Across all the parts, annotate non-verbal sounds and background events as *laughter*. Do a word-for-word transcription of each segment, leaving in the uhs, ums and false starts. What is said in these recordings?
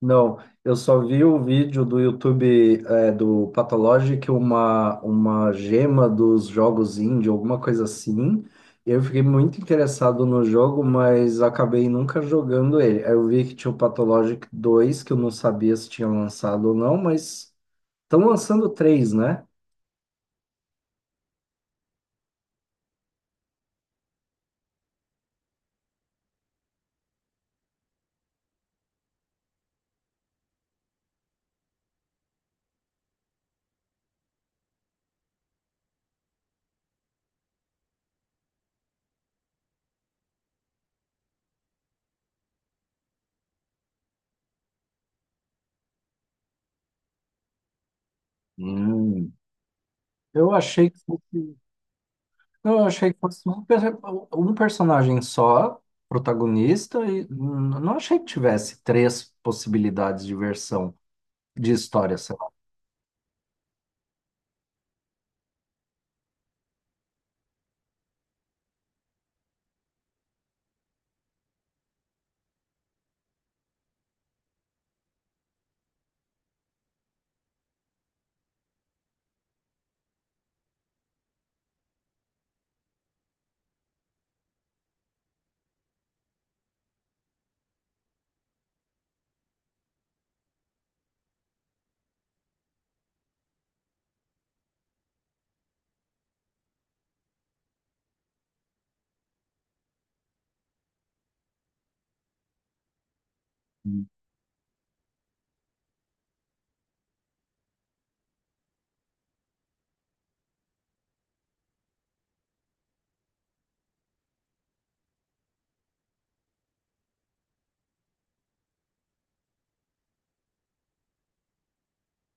Não, eu só vi o vídeo do YouTube é, do Pathologic, uma, uma gema dos jogos indie, alguma coisa assim. Eu fiquei muito interessado no jogo, mas acabei nunca jogando ele. Aí eu vi que tinha o Pathologic dois, que eu não sabia se tinha lançado ou não, mas estão lançando três, né? Hum. Eu achei que fosse. Não, eu achei que fosse um, per- um personagem só, protagonista, e hum, não achei que tivesse três possibilidades de versão de história, sei lá.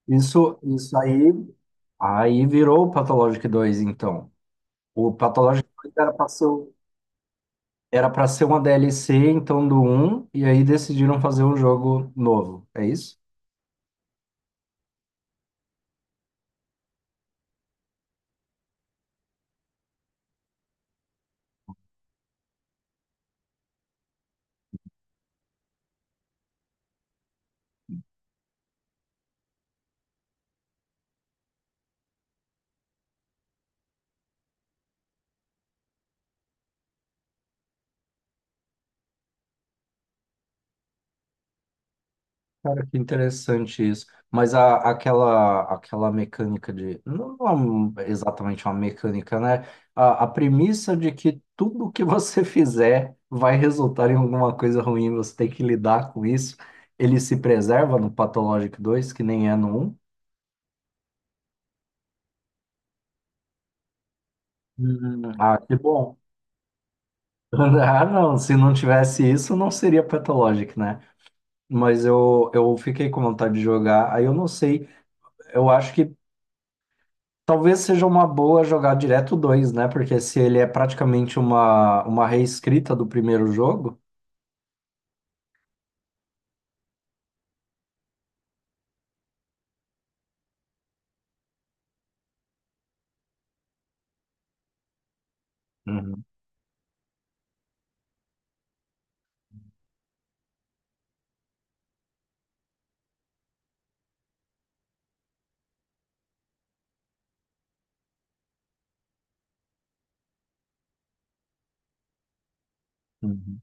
Isso, isso aí, aí virou o Pathologic dois então. O Pathologic dois era para ser, o- era para ser uma D L C, então, do um e aí decidiram fazer um jogo novo, é isso? Cara, que interessante isso. Mas a, aquela, aquela mecânica de. Não é um- exatamente uma mecânica, né? A, a premissa de que tudo que você *laughs* fizer vai resultar em alguma coisa ruim, você tem que lidar com isso. Ele se preserva no Pathologic dois que nem é no um. Hum, Ah, que bom. *laughs* Ah, não, se não tivesse isso, não seria Pathologic, né? Mas eu, eu fiquei com vontade de jogar. Aí eu não sei, eu acho que talvez seja uma boa jogar direto o dois, né? Porque se ele é praticamente uma, uma reescrita do primeiro jogo. Uhum, uhum,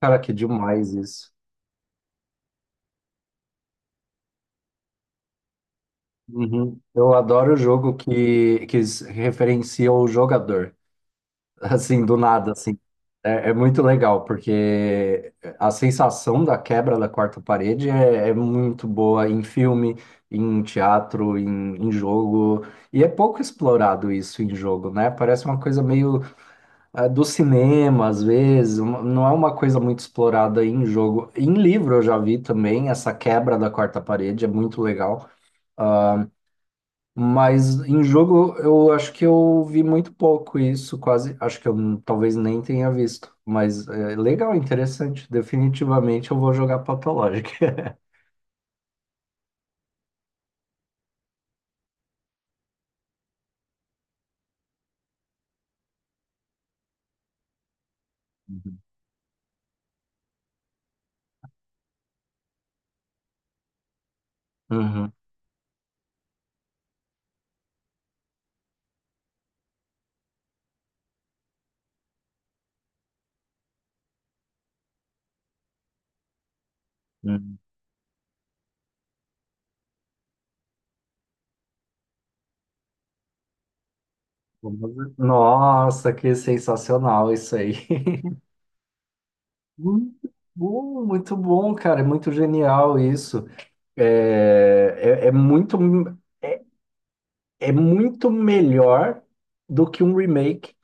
cara, que demais isso. Uhum. Eu adoro o jogo que, que s- referencia o jogador, *laughs* assim, do nada, assim. É, é muito legal, porque a sensação da quebra da quarta parede é, é muito boa em filme, em teatro, em, em jogo. E é pouco explorado isso em jogo, né? Parece uma coisa meio ah, do cinema, às vezes, uma- não é uma coisa muito explorada em jogo. Em livro eu já vi também, essa quebra da quarta parede é muito legal. Ah, mas em jogo eu acho que eu vi muito pouco isso, quase, acho que eu n- talvez nem tenha visto. Mas é legal, interessante. Definitivamente eu vou jogar Pathologic. *laughs* Uhum. Uhum, uhum. Nossa, que sensacional isso aí. *laughs* Muito bom, muito bom, cara. É muito genial isso. É, é, é muito, é, é muito melhor do que um remake,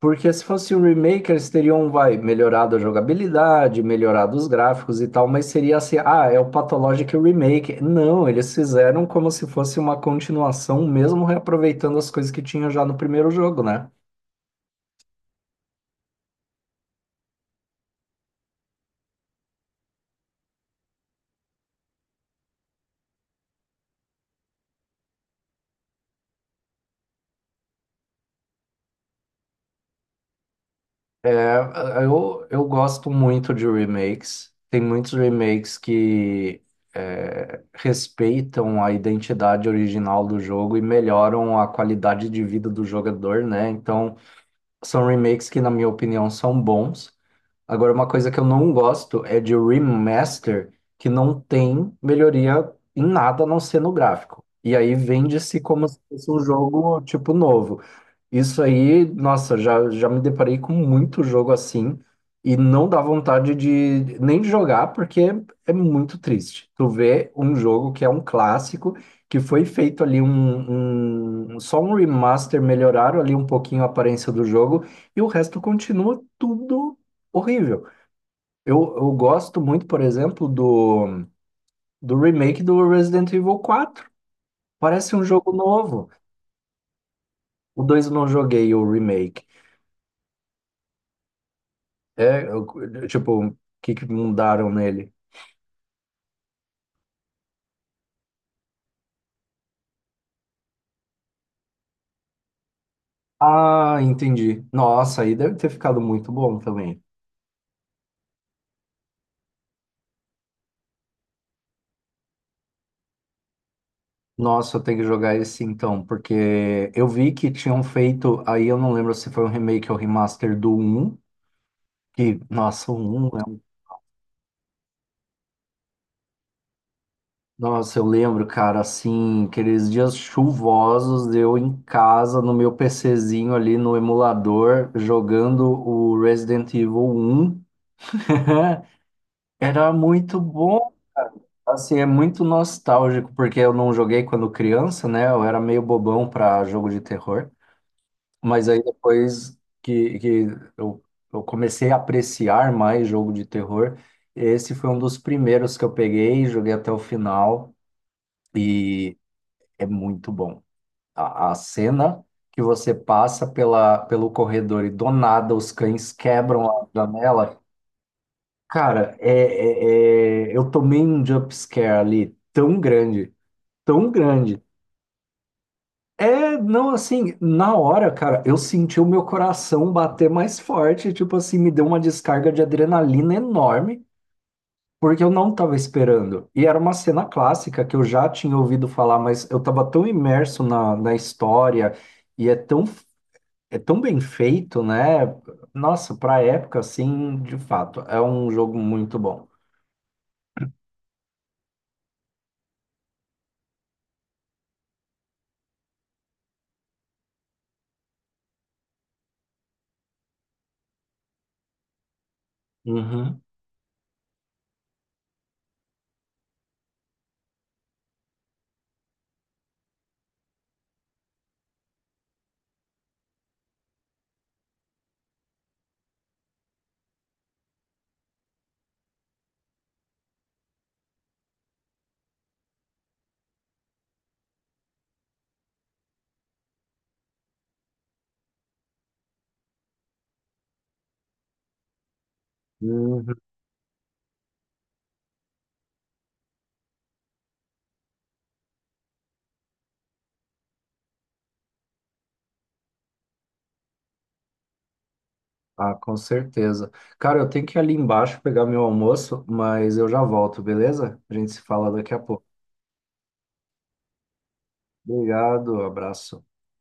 porque se fosse um remake, eles teriam, vai, melhorado a jogabilidade, melhorado os gráficos e tal, mas seria assim, ah, é o Pathologic Remake. Não, eles fizeram como se fosse uma continuação, mesmo reaproveitando as coisas que tinha já no primeiro jogo, né? É, eu, eu gosto muito de remakes. Tem muitos remakes que é, respeitam a identidade original do jogo e melhoram a qualidade de vida do jogador, né? Então, são remakes que, na minha opinião, são bons. Agora, uma coisa que eu não gosto é de remaster que não tem melhoria em nada a não ser no gráfico. E aí vende-se como se fosse um jogo tipo novo. Isso aí, nossa, já, já me deparei com muito jogo assim e não dá vontade de nem de jogar porque é muito triste. Tu vê um jogo que é um clássico, que foi feito ali um, um- um, só um remaster, melhoraram ali um pouquinho a aparência do jogo e o resto continua tudo horrível. Eu, eu gosto muito, por exemplo, do, do remake do Resident Evil quatro. Parece um jogo novo. O dois eu não joguei o remake. É, eu- tipo, o que que mudaram nele? Ah, entendi. Nossa, aí deve ter ficado muito bom também. Nossa, eu tenho que jogar esse então, porque eu vi que tinham feito, aí eu não lembro se foi um remake ou remaster do um. Que, nossa, o um, é um- nossa, eu lembro, cara, assim, aqueles dias chuvosos, eu em casa, no meu PCzinho ali, no emulador, jogando o Resident Evil um. *laughs* Era muito bom, cara. Assim, é muito nostálgico, porque eu não joguei quando criança, né? Eu era meio bobão para jogo de terror. Mas aí depois que, que eu, eu comecei a apreciar mais jogo de terror, esse foi um dos primeiros que eu peguei, joguei até o final e é muito bom. A, a cena que você passa pela, pelo corredor e do nada os cães quebram a janela. Cara, é, é- é- eu tomei um jump scare ali tão grande, tão grande. É, não, assim, na hora, cara, eu senti o meu coração bater mais forte, tipo assim, me deu uma descarga de adrenalina enorme, porque eu não tava esperando. E era uma cena clássica que eu já tinha ouvido falar, mas eu tava tão imerso na, na história e é tão, é tão bem feito, né? Nossa, pra época, assim, de fato, é um jogo muito bom. Uhum. Ah, com certeza. Cara, eu tenho que ir ali embaixo pegar meu almoço, mas eu já volto, beleza? A gente se fala daqui a pouco. Obrigado, abraço.